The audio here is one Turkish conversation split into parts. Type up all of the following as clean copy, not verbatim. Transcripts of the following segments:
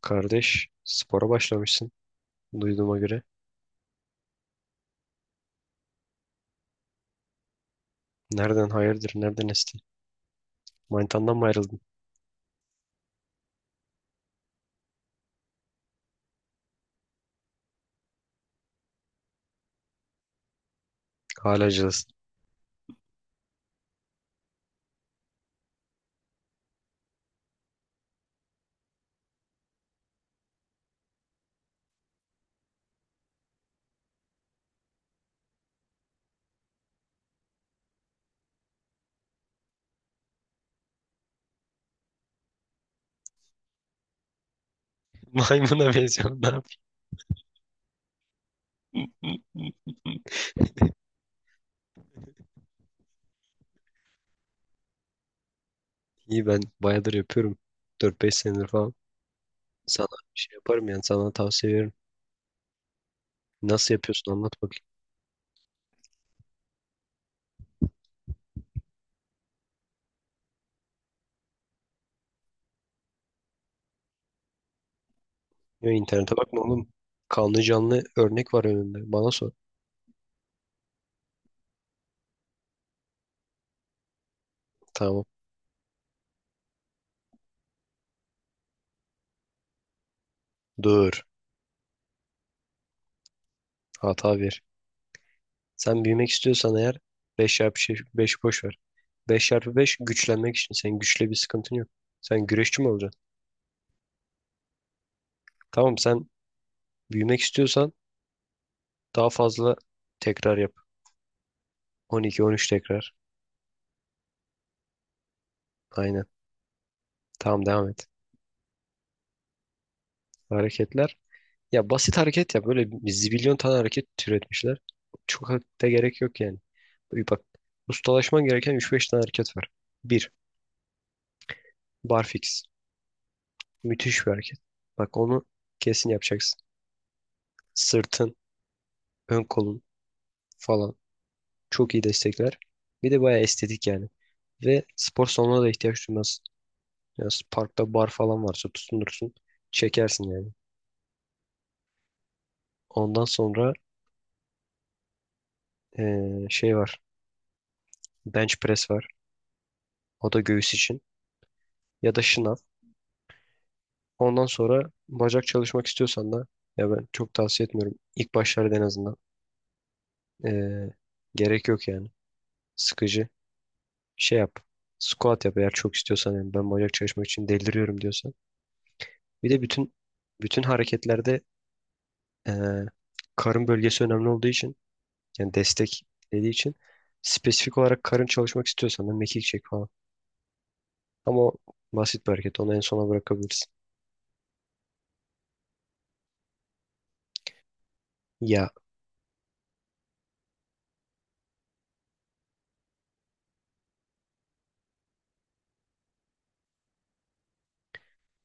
Kardeş, spora başlamışsın duyduğuma göre. Nereden hayırdır, nereden esti? Manitandan mı ayrıldın? Hala cılızsın. Maymuna benziyorsun, ne yapayım? İyi, ben bayağıdır yapıyorum. 4-5 senedir falan. Sana şey yaparım yani sana tavsiye veririm. Nasıl yapıyorsun, anlat bakayım. Ya, internete bakma oğlum. Kanlı canlı örnek var önünde. Bana sor. Tamam. Dur. Hata ver. Sen büyümek istiyorsan eğer, 5 çarpı 5 boş ver. Beş çarpı 5 güçlenmek için. Senin güçle bir sıkıntın yok. Sen güreşçi mi olacaksın? Tamam, sen büyümek istiyorsan daha fazla tekrar yap. 12, 13 tekrar. Aynen. Tamam, devam et. Hareketler. Ya basit hareket ya. Böyle bir zibilyon tane hareket türetmişler. Çok da gerek yok yani. Bir bak, ustalaşman gereken üç beş tane hareket var. 1. Barfix. Müthiş bir hareket. Bak, onu kesin yapacaksın. Sırtın, ön kolun falan. Çok iyi destekler. Bir de bayağı estetik yani. Ve spor salonuna da ihtiyaç duymaz. Yani parkta bar falan varsa tutunursun. Çekersin yani. Ondan sonra şey var. Bench press var. O da göğüs için. Ya da şınav. Ondan sonra bacak çalışmak istiyorsan da, ya ben çok tavsiye etmiyorum. İlk başlarda en azından. Eee, gerek yok yani. Sıkıcı. Şey yap. Squat yap eğer çok istiyorsan, yani ben bacak çalışmak için deliriyorum diyorsan. Bir de bütün hareketlerde, Ee, karın bölgesi önemli olduğu için, yani destek dediği için, spesifik olarak karın çalışmak istiyorsan da mekik çek falan. Ama o basit bir hareket. Onu en sona bırakabilirsin. Ya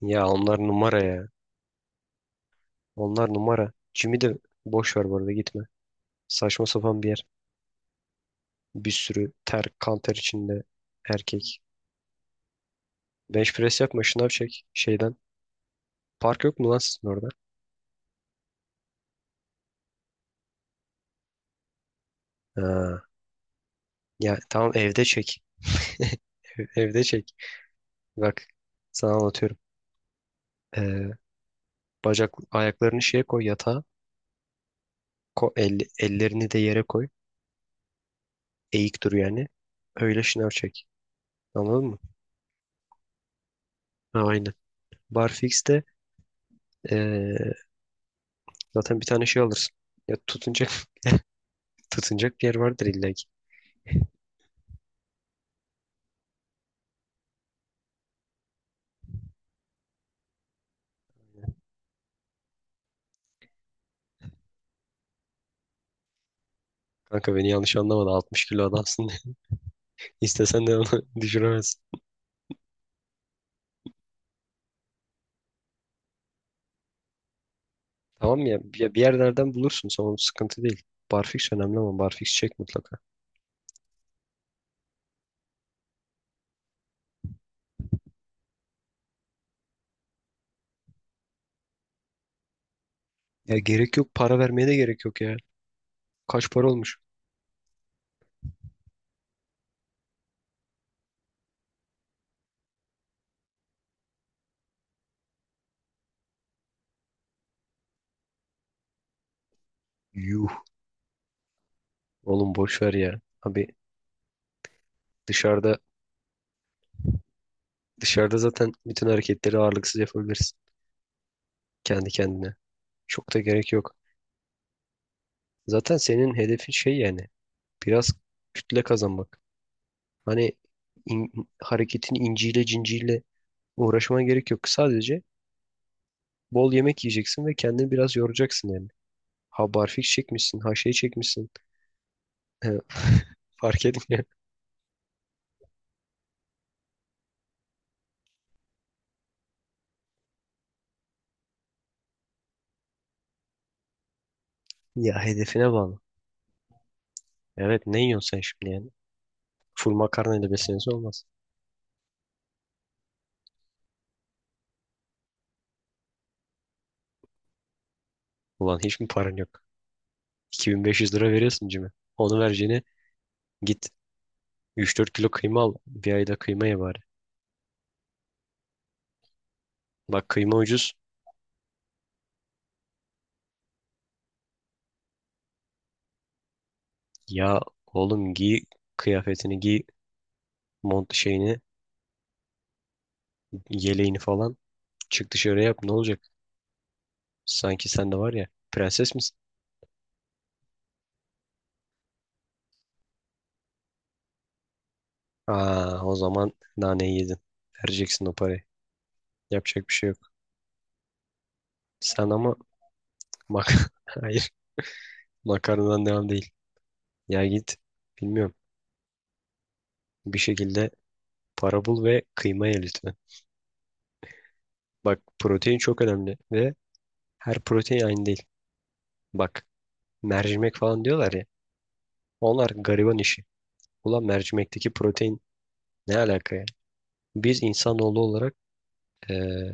ya onlar numara ya. Onlar numara. Jimmy de boş ver bu arada, gitme. Saçma sapan bir yer. Bir sürü ter, kan ter içinde erkek. Bench press yapma, şınav çek şeyden. Park yok mu lan sizin orada? Ha. Ya tamam, evde çek. Evde çek. Bak, sana anlatıyorum. Ee, Bacak ayaklarını şeye koy, yatağa. Ellerini de yere koy. Eğik dur yani. Öyle şınav çek. Anladın mı? Ha, aynen. Barfix'te eee, zaten bir tane şey alırsın. Ya, tutunacak tutunacak bir yer vardır illa ki. Kanka, beni yanlış anlamadı. 60 kilo adamsın. İstesen de onu düşüremezsin. Tamam ya, bir yerlerden bulursun. Sonra sıkıntı değil. Barfix önemli, ama Barfix çek mutlaka. Ya gerek yok. Para vermeye de gerek yok ya. Kaç para olmuş? Yuh. Oğlum boş ver ya. Abi, dışarıda Dışarıda zaten bütün hareketleri ağırlıksız yapabilirsin, kendi kendine. Çok da gerek yok. Zaten senin hedefin şey yani, biraz kütle kazanmak. Hani, hareketin inciyle cinciyle uğraşmana gerek yok. Sadece bol yemek yiyeceksin ve kendini biraz yoracaksın yani. Ha barfiks çekmişsin, ha şey çekmişsin. Fark etmiyor. Ya hedefine bağlı. Evet, ne yiyorsun sen şimdi yani? Full makarnayla besleniyorsan olmaz. Ulan, hiç mi paran yok? 2500 lira veriyorsun cime. Onu vereceğine git, 3-4 kilo kıyma al. Bir ayda kıyma ye bari. Bak, kıyma ucuz. Ya oğlum, giy kıyafetini giy. Mont şeyini, yeleğini falan. Çık dışarı yap, ne olacak? Sanki sen de, var ya, prenses misin? Aa, o zaman naneyi yedin. Vereceksin o parayı. Yapacak bir şey yok. Sen ama mak hayır, makarnadan devam değil. Ya git, bilmiyorum. Bir şekilde para bul ve kıyma ye lütfen. Bak, protein çok önemli ve her protein aynı değil. Bak, mercimek falan diyorlar ya. Onlar gariban işi. Ulan, mercimekteki protein ne alaka ya? Biz insanoğlu olarak, eee,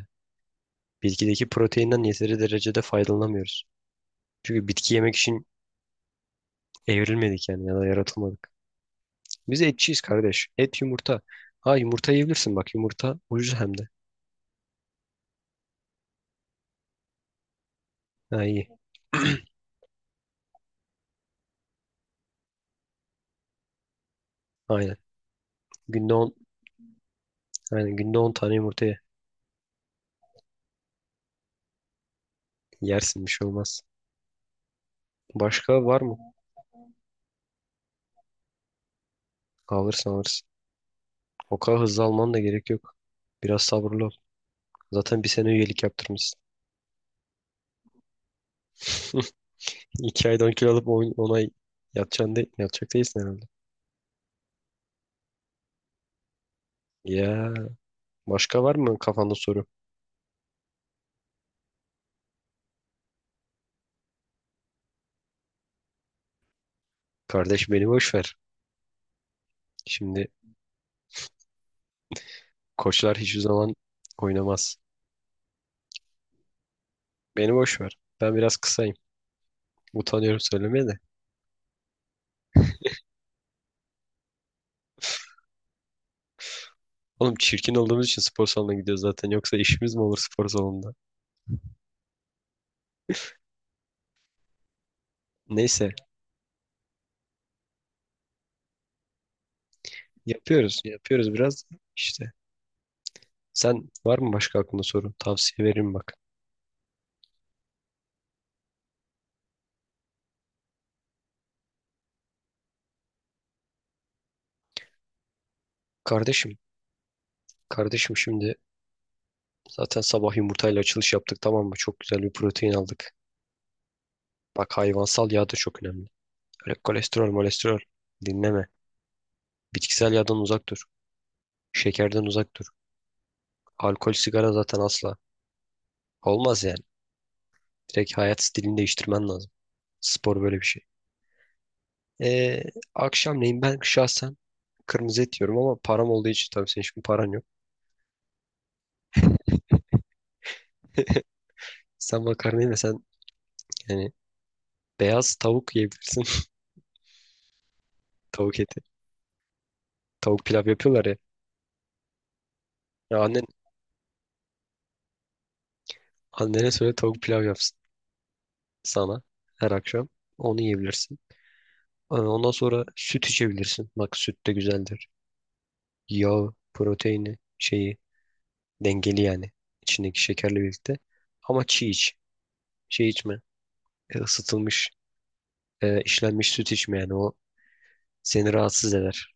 bitkideki proteinden yeteri derecede faydalanamıyoruz. Çünkü bitki yemek için evrilmedik yani, ya da yaratılmadık. Biz etçiyiz kardeş. Et, yumurta. Ha yumurta yiyebilirsin, bak yumurta ucuz hem de. Ha, iyi. Aynen. Günde 10 aynen, günde 10 tane yumurta ye. Yersin, bir şey olmaz. Başka var mı? Alırsın, alırsın. O kadar hızlı alman da gerek yok. Biraz sabırlı ol. Zaten bir sene üyelik yaptırmışsın. 2 aydan kilo alıp on ay yatacaksın de, yatacak değilsin herhalde. Ya, başka var mı kafanda soru? Kardeş, beni boş ver. Şimdi koçlar hiçbir zaman oynamaz. Beni boş ver. Ben biraz kısayım. Utanıyorum söylemeye de. Oğlum, çirkin olduğumuz için spor salonuna gidiyoruz zaten. Yoksa işimiz mi olur spor salonunda? Neyse, yapıyoruz. Yapıyoruz biraz işte. Sen var mı başka aklında soru? Tavsiye veririm bak. Kardeşim. Kardeşim, şimdi zaten sabah yumurtayla açılış yaptık tamam mı? Çok güzel bir protein aldık. Bak, hayvansal yağ da çok önemli. Öyle kolesterol, molesterol dinleme. Bitkisel yağdan uzak dur. Şekerden uzak dur. Alkol, sigara zaten asla. Olmaz yani. Direkt hayat stilini değiştirmen lazım. Spor böyle bir şey. Ee, akşamleyin ben şahsen kırmızı et yiyorum, ama param olduğu için tabii senin şimdi paran yok. Sen makarna yemesen, yani beyaz tavuk yiyebilirsin. Tavuk eti. Tavuk pilav yapıyorlar ya. Ya annen, annene söyle tavuk pilav yapsın sana her akşam. Onu yiyebilirsin. Hani ondan sonra süt içebilirsin. Bak, süt de güzeldir. Yağı, proteini, şeyi dengeli yani. İçindeki şekerle birlikte. Ama çiğ iç. Şey içme. Isıtılmış, işlenmiş süt içme yani, o seni rahatsız eder.